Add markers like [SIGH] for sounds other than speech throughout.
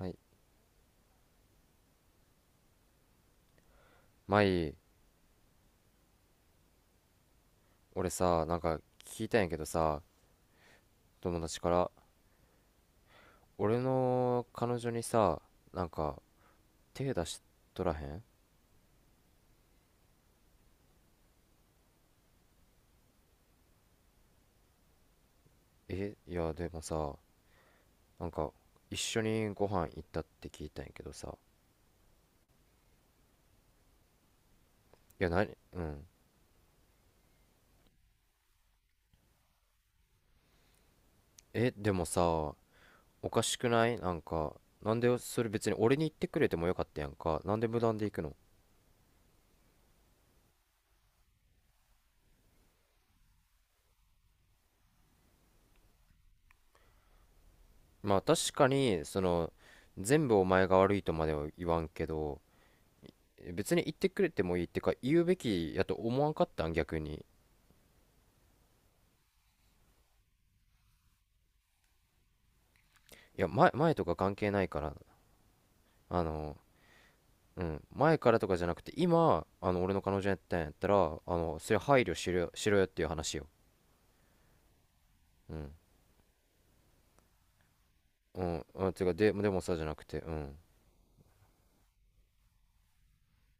はい。前、俺さ、聞いたんやけどさ、友達から、俺の彼女にさ、なんか手出しとらへん？いや、でもさ、なんか一緒にご飯行ったって聞いたんやけどさ。いや、なに、うん。でもさ、おかしくない？なんでそれ別に俺に言ってくれてもよかったやんか。なんで無断で行くの？まあ確かに、全部お前が悪いとまでは言わんけど、別に言ってくれてもいい、ってか言うべきやと思わんかったん逆に？いや、前とか関係ないから、あのうん。前からとかじゃなくて、今俺の彼女やったんやったら、それ配慮しろよ、しろよっていう話よ。うん。うんうん。てかで、でもさじゃなくて。うん。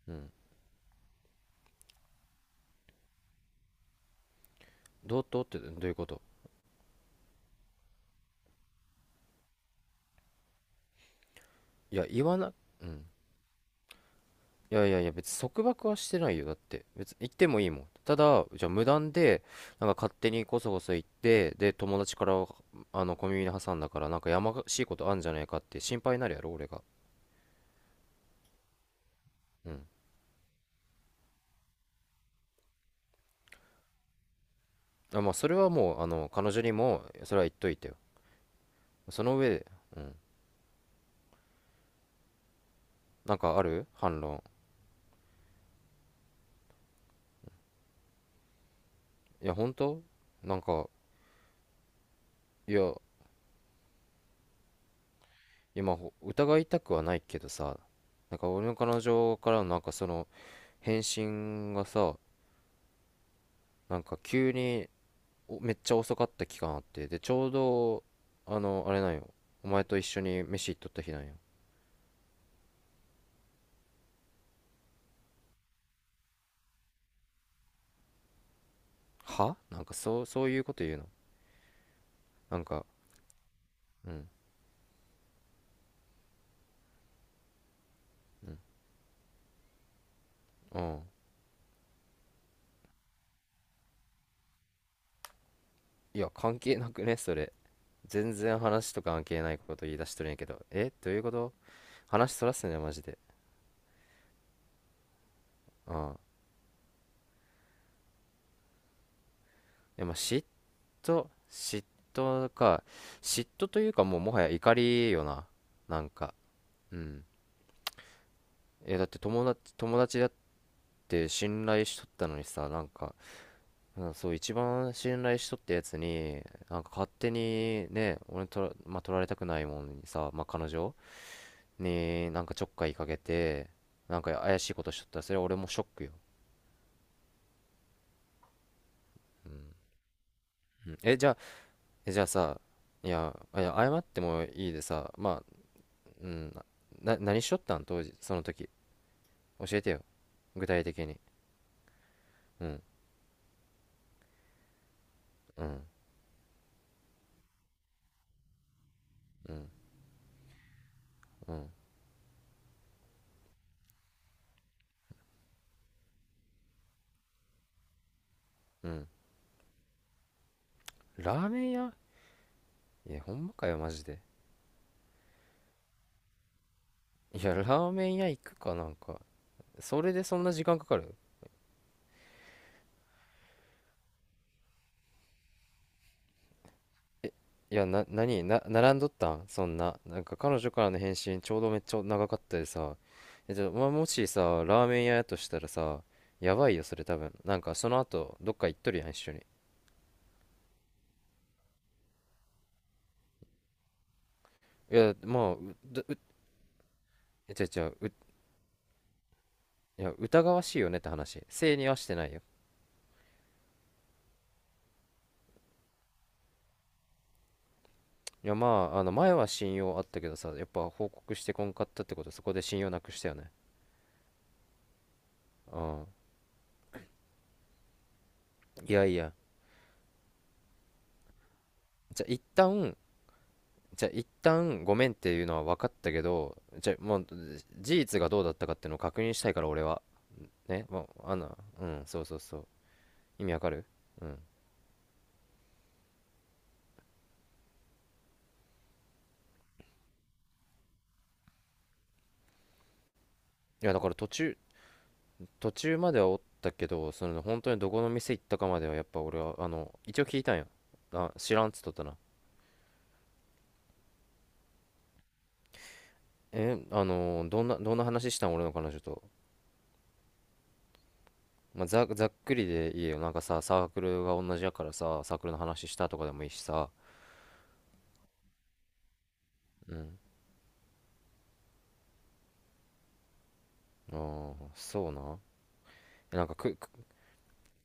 うん。どういうこと？いや、言わな。うん。いやいやいや、別に束縛はしてないよ。だって別に行ってもいいもん。ただじゃあ無断で勝手にこそこそ行って、で友達から小耳に挟んだから、やましいことあんじゃないかって心配になるやろ俺が。うん。あ、まあ、それはもう彼女にもそれは言っといてよ。その上で。うん。なんかある、反論？いや、本当。なんかいや、今疑いたくはないけどさ、俺の彼女からのその返信がさ、急に、おめっちゃ遅かった期間あってで、ちょうどあれなんよ。お前と一緒に飯行っとった日なんよ。そうそういうこと言うの？なんかうんうん。いや関係なくねそれ。全然話と関係ないこと言い出しとるんやけど、どういうこと？話そらすねマジで。うん。でも嫉妬か。嫉妬というかもうもはや怒りよな。なんかうん。だって友達だって信頼しとったのにさ。うん、そう、一番信頼しとったやつに勝手にね、俺まあ、取られたくないもんにさ、まあ、彼女にちょっかいかけて、怪しいことしとったらそれは俺もショックよ。うん。じゃあ、えじゃあさ、いや、いや謝ってもいいでさ、まあ、うん。何しとったん、当時その時。教えてよ、具体的に。うんうんうんうんうん。ラーメン屋。いやほんまかよマジで。いや、ラーメン屋行くか、なんかそれでそんな時間かかる？いや、何並んどったん、そんな。彼女からの返信ちょうどめっちゃ長かったでさ。じゃあ、まあ、もしさ、ラーメン屋やとしたらさ、やばいよそれ。多分その後どっか行っとるやん一緒に。いや、まあ、うだうじうじゃういや、疑わしいよねって話、正にはしてないよ。いや、まあ、前は信用あったけどさ、やっぱ報告してこんかったってこと、そこで信用なくしたよね。うん。いやいや。じゃあ一旦じゃあ一旦ごめんっていうのは分かったけど、じゃあもう事実がどうだったかっていうのを確認したいから俺は。ね、もうあんな、うん、そうそうそう。意味わかる？うん。いやだから途中まではおったけど、本当にどこの店行ったかまではやっぱ俺は一応聞いたんや。あ、知らんっつっとったな。えあのーどんな話したん、俺の彼女と？まあ、ざっくりでいいよ。さ、サークルが同じやからさ、サークルの話したとかでもいいしさ。うん。ああ、そうな。えなんかく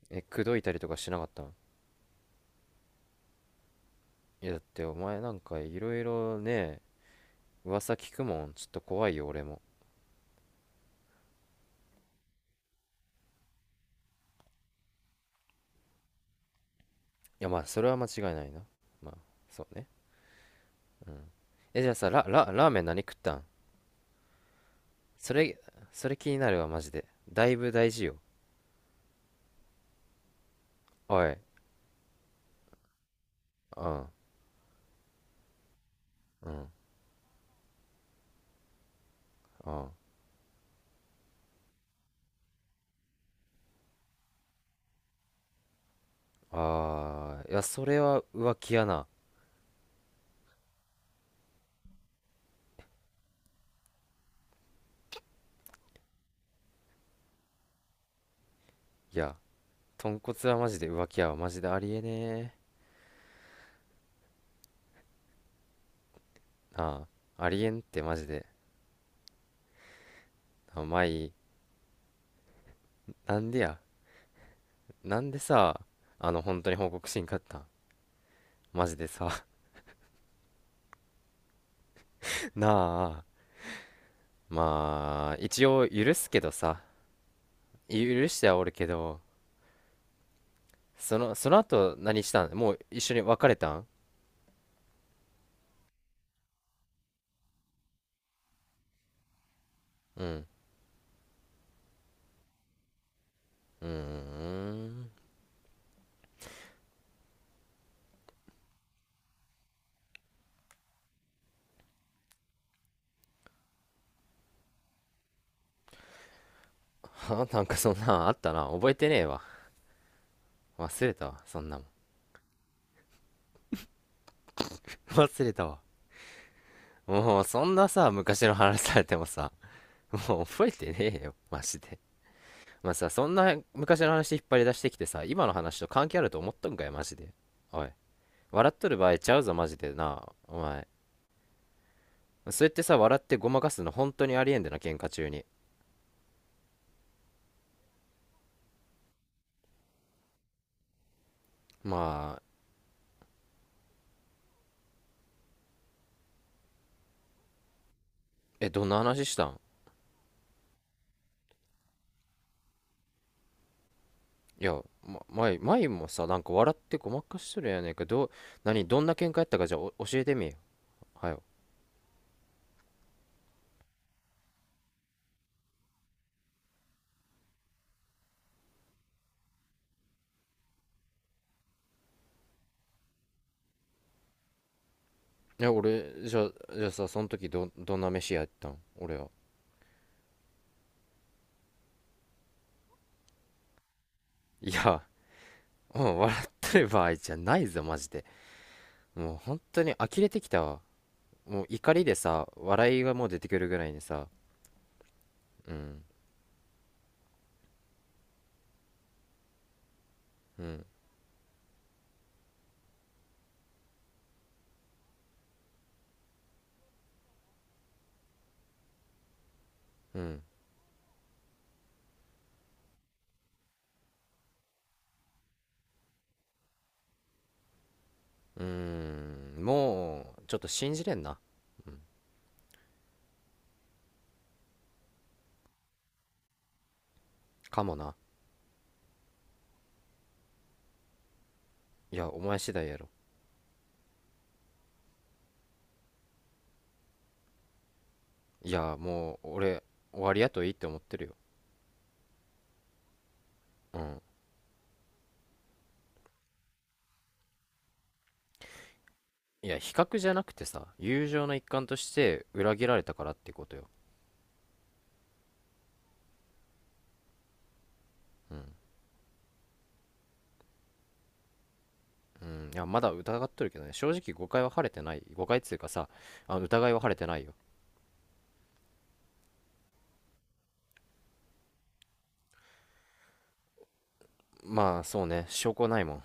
口説いたりとかしなかったん？いや、だってお前なんかいろいろね、噂聞くもん。ちょっと怖いよ、俺も。いや、まあ、それは間違いないな。まあ、そうね。じゃあさ、ラーメン何食ったん？それ、それ気になるわ、マジで。だいぶ大事よ。おい、うん、うん、うん。あー、いや、それは浮気やな。いや、豚骨はマジで浮気やわ。マジでありえねえ。なあ、ありえんってマジで。あ、まあいい。なんでや。なんでさ、本当に報告しんかったん、マジでさ。 [LAUGHS] なあ、まあ一応許すけどさ、許してはおるけど、その後何したん？もう一緒に別れたん？うん。うーん。そんなんあったな。覚えてねえわ。忘れたわ、そんなもん。 [LAUGHS] 忘れたわ。もうそんなさ、昔の話されてもさ、もう覚えてねえよマジで。まあさ、そんな昔の話引っ張り出してきてさ、今の話と関係あると思っとんかいマジで。おい、笑っとる場合ちゃうぞマジでな、お前。そうやってさ、笑ってごまかすの本当にありえんでな、喧嘩中に。まあ、どんな話したん？いや、ま、前もさ、笑ってごまかしとるやねんけど、何どんな喧嘩やったか、じゃあお教えてみよ、はよ。いや俺、じゃあさ、その時どんな飯やったん俺は？いや、うん、笑ってる場合じゃないぞマジで。もう本当に呆れてきたわ。もう怒りでさ、笑いがもう出てくるぐらいにさ。うんうんうんうん。もうちょっと信じれんな。かもな。いや、お前次第やろ。いや、もう、俺、終わりやといいって思ってるよ。うん。いや、比較じゃなくてさ、友情の一環として裏切られたからってことよ。うん。いや、まだ疑っとるけどね、正直誤解は晴れてない。誤解っつうかさ、あ、疑いは晴れてないよ。まあ、そうね、証拠ないもん。い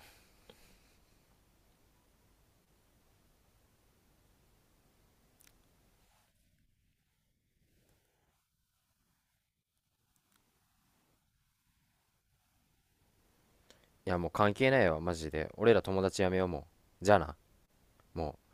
や、もう関係ないわ、マジで。俺ら友達やめようもう。じゃあな、もう。